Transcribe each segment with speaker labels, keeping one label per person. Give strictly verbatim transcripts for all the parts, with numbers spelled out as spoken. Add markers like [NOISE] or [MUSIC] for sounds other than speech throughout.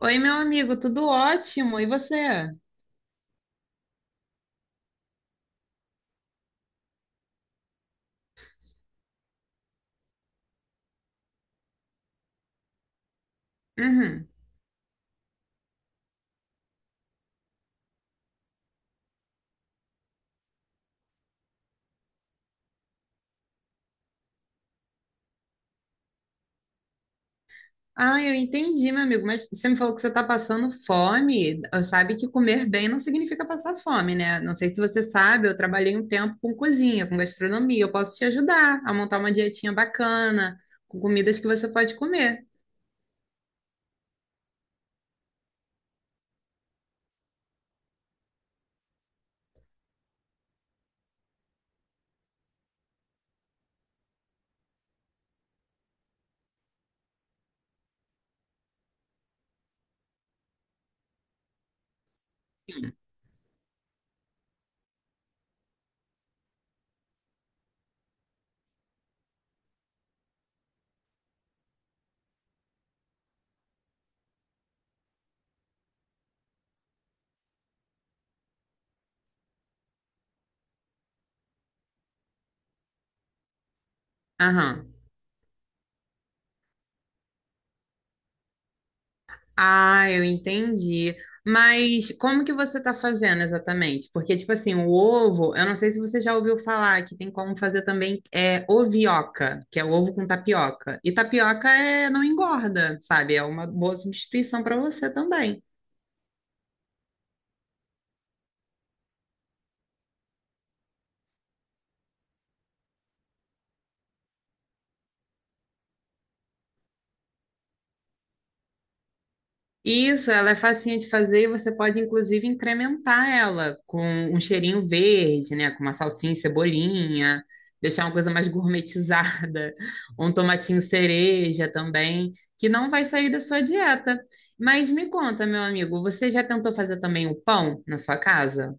Speaker 1: Oi, meu amigo, tudo ótimo. E você? Uhum. Ah, eu entendi, meu amigo, mas você me falou que você está passando fome. Sabe que comer bem não significa passar fome, né? Não sei se você sabe, eu trabalhei um tempo com cozinha, com gastronomia. Eu posso te ajudar a montar uma dietinha bacana, com comidas que você pode comer. Aham. Ah, eu entendi. Mas como que você está fazendo exatamente? Porque, tipo assim, o ovo, eu não sei se você já ouviu falar que tem como fazer também é, ovioca, que é o ovo com tapioca. E tapioca é, não engorda, sabe? É uma boa substituição para você também. Isso, ela é facinho de fazer e você pode, inclusive, incrementar ela com um cheirinho verde, né? Com uma salsinha e cebolinha, deixar uma coisa mais gourmetizada, [LAUGHS] um tomatinho cereja também, que não vai sair da sua dieta. Mas me conta, meu amigo, você já tentou fazer também o pão na sua casa?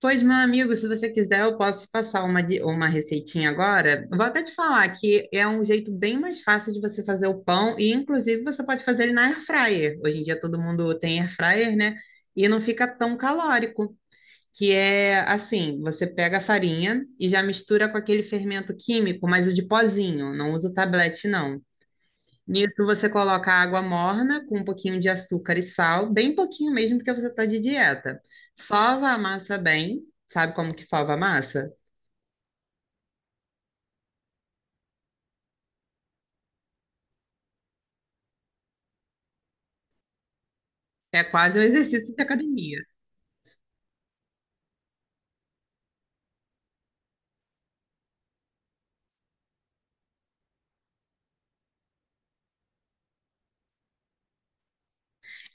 Speaker 1: Pois, meu amigo, se você quiser, eu posso te passar uma, di- uma receitinha agora. Vou até te falar que é um jeito bem mais fácil de você fazer o pão e, inclusive, você pode fazer ele na air fryer. Hoje em dia todo mundo tem air fryer, né? E não fica tão calórico. Que é assim, você pega a farinha e já mistura com aquele fermento químico, mas o de pozinho, não usa o tablete, não. Nisso você coloca água morna com um pouquinho de açúcar e sal, bem pouquinho mesmo, porque você está de dieta. Sova a massa bem, sabe como que sova a massa? É quase um exercício de academia.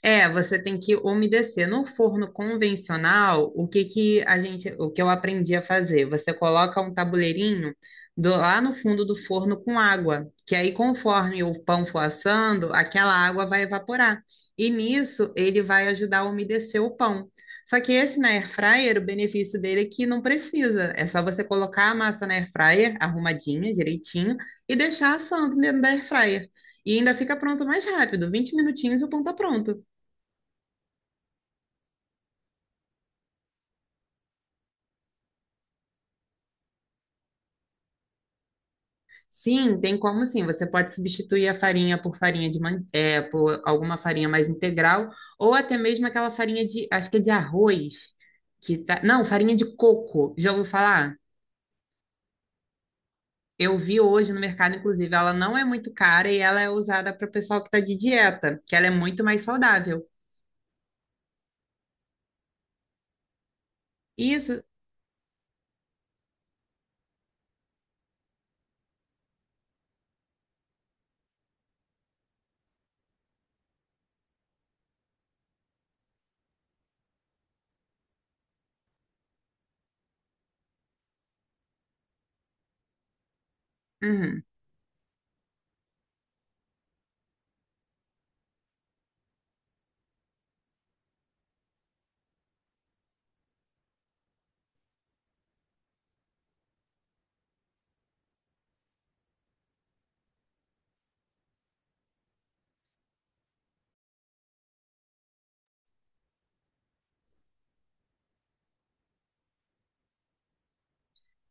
Speaker 1: É, você tem que umedecer. No forno convencional, o que que a gente, o que eu aprendi a fazer? Você coloca um tabuleirinho do- lá no fundo do forno com água, que aí conforme o pão for assando, aquela água vai evaporar. E nisso ele vai ajudar a umedecer o pão. Só que esse na air fryer, o benefício dele é que não precisa. É só você colocar a massa na air fryer arrumadinha, direitinho, e deixar assando dentro da air fryer. E ainda fica pronto mais rápido. vinte minutinhos e o pão tá pronto. Sim, tem como sim. Você pode substituir a farinha por farinha de man... é, por alguma farinha mais integral, ou até mesmo aquela farinha de, acho que é de arroz, que tá, não, farinha de coco. Já ouviu falar? Eu vi hoje no mercado, inclusive, ela não é muito cara e ela é usada para o pessoal que está de dieta, que ela é muito mais saudável. Isso, uhum.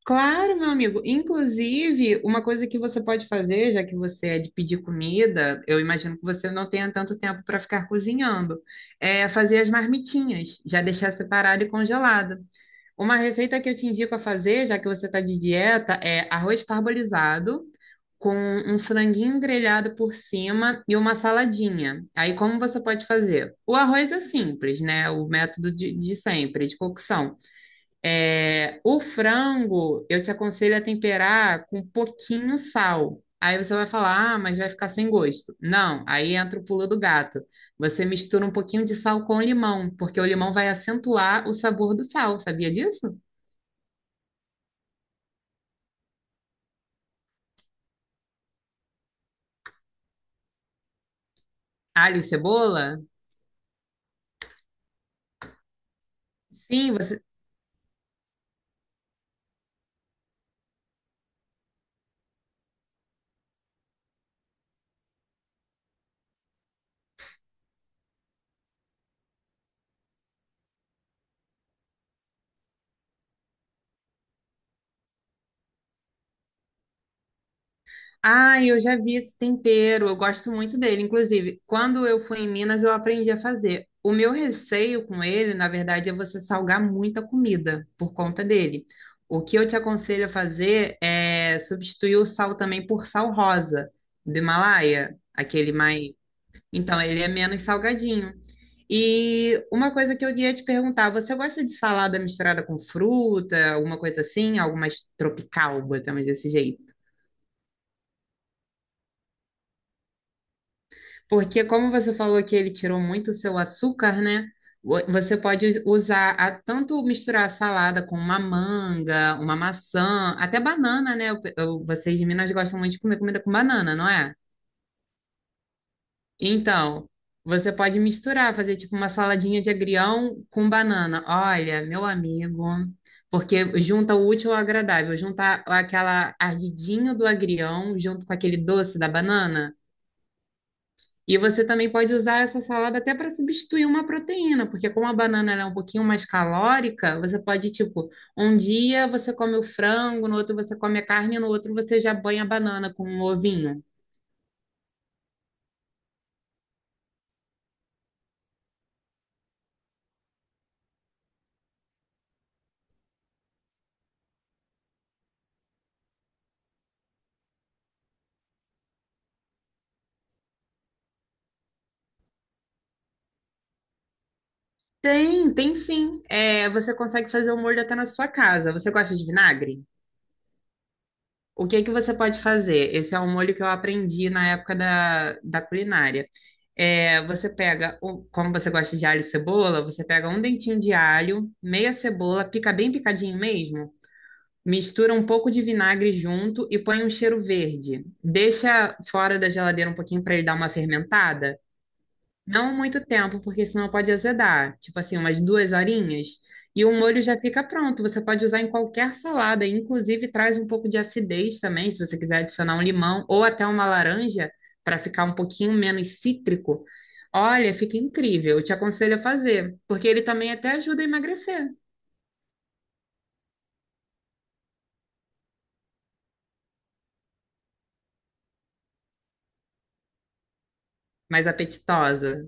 Speaker 1: Claro, meu amigo. Inclusive, uma coisa que você pode fazer, já que você é de pedir comida, eu imagino que você não tenha tanto tempo para ficar cozinhando, é fazer as marmitinhas, já deixar separado e congelado. Uma receita que eu te indico a fazer, já que você está de dieta, é arroz parbolizado com um franguinho grelhado por cima e uma saladinha. Aí, como você pode fazer? O arroz é simples, né? O método de, de sempre, de cocção. É, o frango, eu te aconselho a temperar com um pouquinho sal. Aí você vai falar, ah, mas vai ficar sem gosto. Não, aí entra o pulo do gato. Você mistura um pouquinho de sal com limão, porque o limão vai acentuar o sabor do sal, sabia disso? Alho e cebola? Sim, você Ah, eu já vi esse tempero, eu gosto muito dele. Inclusive, quando eu fui em Minas, eu aprendi a fazer. O meu receio com ele, na verdade, é você salgar muita comida por conta dele. O que eu te aconselho a fazer é substituir o sal também por sal rosa do Himalaia, aquele mais. Então, ele é menos salgadinho. E uma coisa que eu ia te perguntar, você gosta de salada misturada com fruta, alguma coisa assim, algo mais tropical, botamos desse jeito? Porque como você falou que ele tirou muito o seu açúcar, né? Vo- Você pode us- usar a- tanto misturar a salada com uma manga, uma maçã, até banana, né? Eu- eu- vocês de Minas gostam muito de comer comida com banana, não é? Então, você pode misturar, fazer tipo uma saladinha de agrião com banana. Olha, meu amigo, porque junta o útil ao agradável, junta aquela ardidinho do agrião junto com aquele doce da banana. E você também pode usar essa salada até para substituir uma proteína, porque como a banana ela é um pouquinho mais calórica, você pode, tipo, um dia você come o frango, no outro você come a carne, no outro você já banha a banana com um ovinho. Tem, tem sim. É, você consegue fazer o molho até na sua casa. Você gosta de vinagre? O que que você pode fazer? Esse é um molho que eu aprendi na época da, da culinária. É, você pega, o- como você gosta de alho e cebola, você pega um dentinho de alho, meia cebola, pica bem picadinho mesmo, mistura um pouco de vinagre junto e põe um cheiro verde. Deixa fora da geladeira um pouquinho para ele dar uma fermentada. Não muito tempo, porque senão pode azedar. Tipo assim, umas duas horinhas. E o molho já fica pronto. Você pode usar em qualquer salada. Inclusive, traz um pouco de acidez também, se você quiser adicionar um limão ou até uma laranja, para ficar um pouquinho menos cítrico. Olha, fica incrível. Eu te aconselho a fazer, porque ele também até ajuda a emagrecer. Mais apetitosa.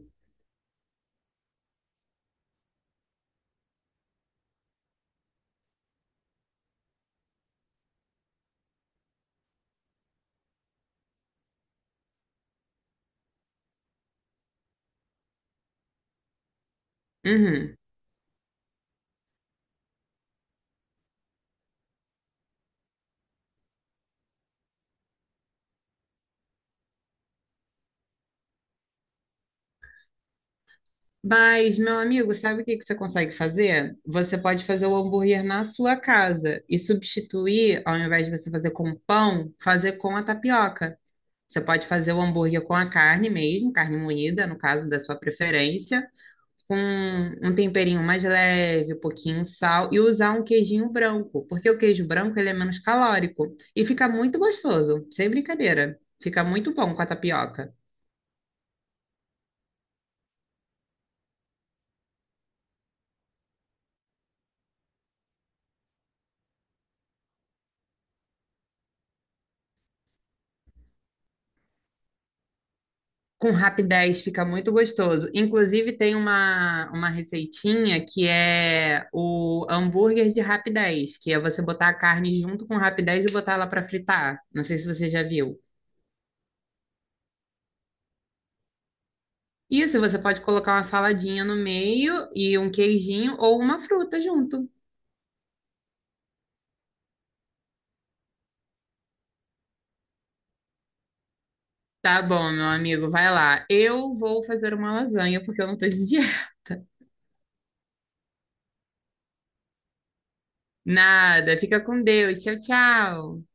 Speaker 1: Uhum. Mas, meu amigo, sabe o que que você consegue fazer? Você pode fazer o hambúrguer na sua casa e substituir, ao invés de você fazer com pão, fazer com a tapioca. Você pode fazer o hambúrguer com a carne mesmo, carne moída, no caso da sua preferência, com um temperinho mais leve, um pouquinho sal e usar um queijinho branco, porque o queijo branco ele é menos calórico e fica muito gostoso, sem brincadeira. Fica muito bom com a tapioca. Com rapidez fica muito gostoso. Inclusive, tem uma, uma receitinha que é o hambúrguer de rapidez, que é você botar a carne junto com o rapidez e botar ela para fritar. Não sei se você já viu. Isso, você pode colocar uma saladinha no meio e um queijinho ou uma fruta junto. Tá bom, meu amigo, vai lá. Eu vou fazer uma lasanha porque eu não tô de dieta. [LAUGHS] Nada, fica com Deus. Tchau, tchau.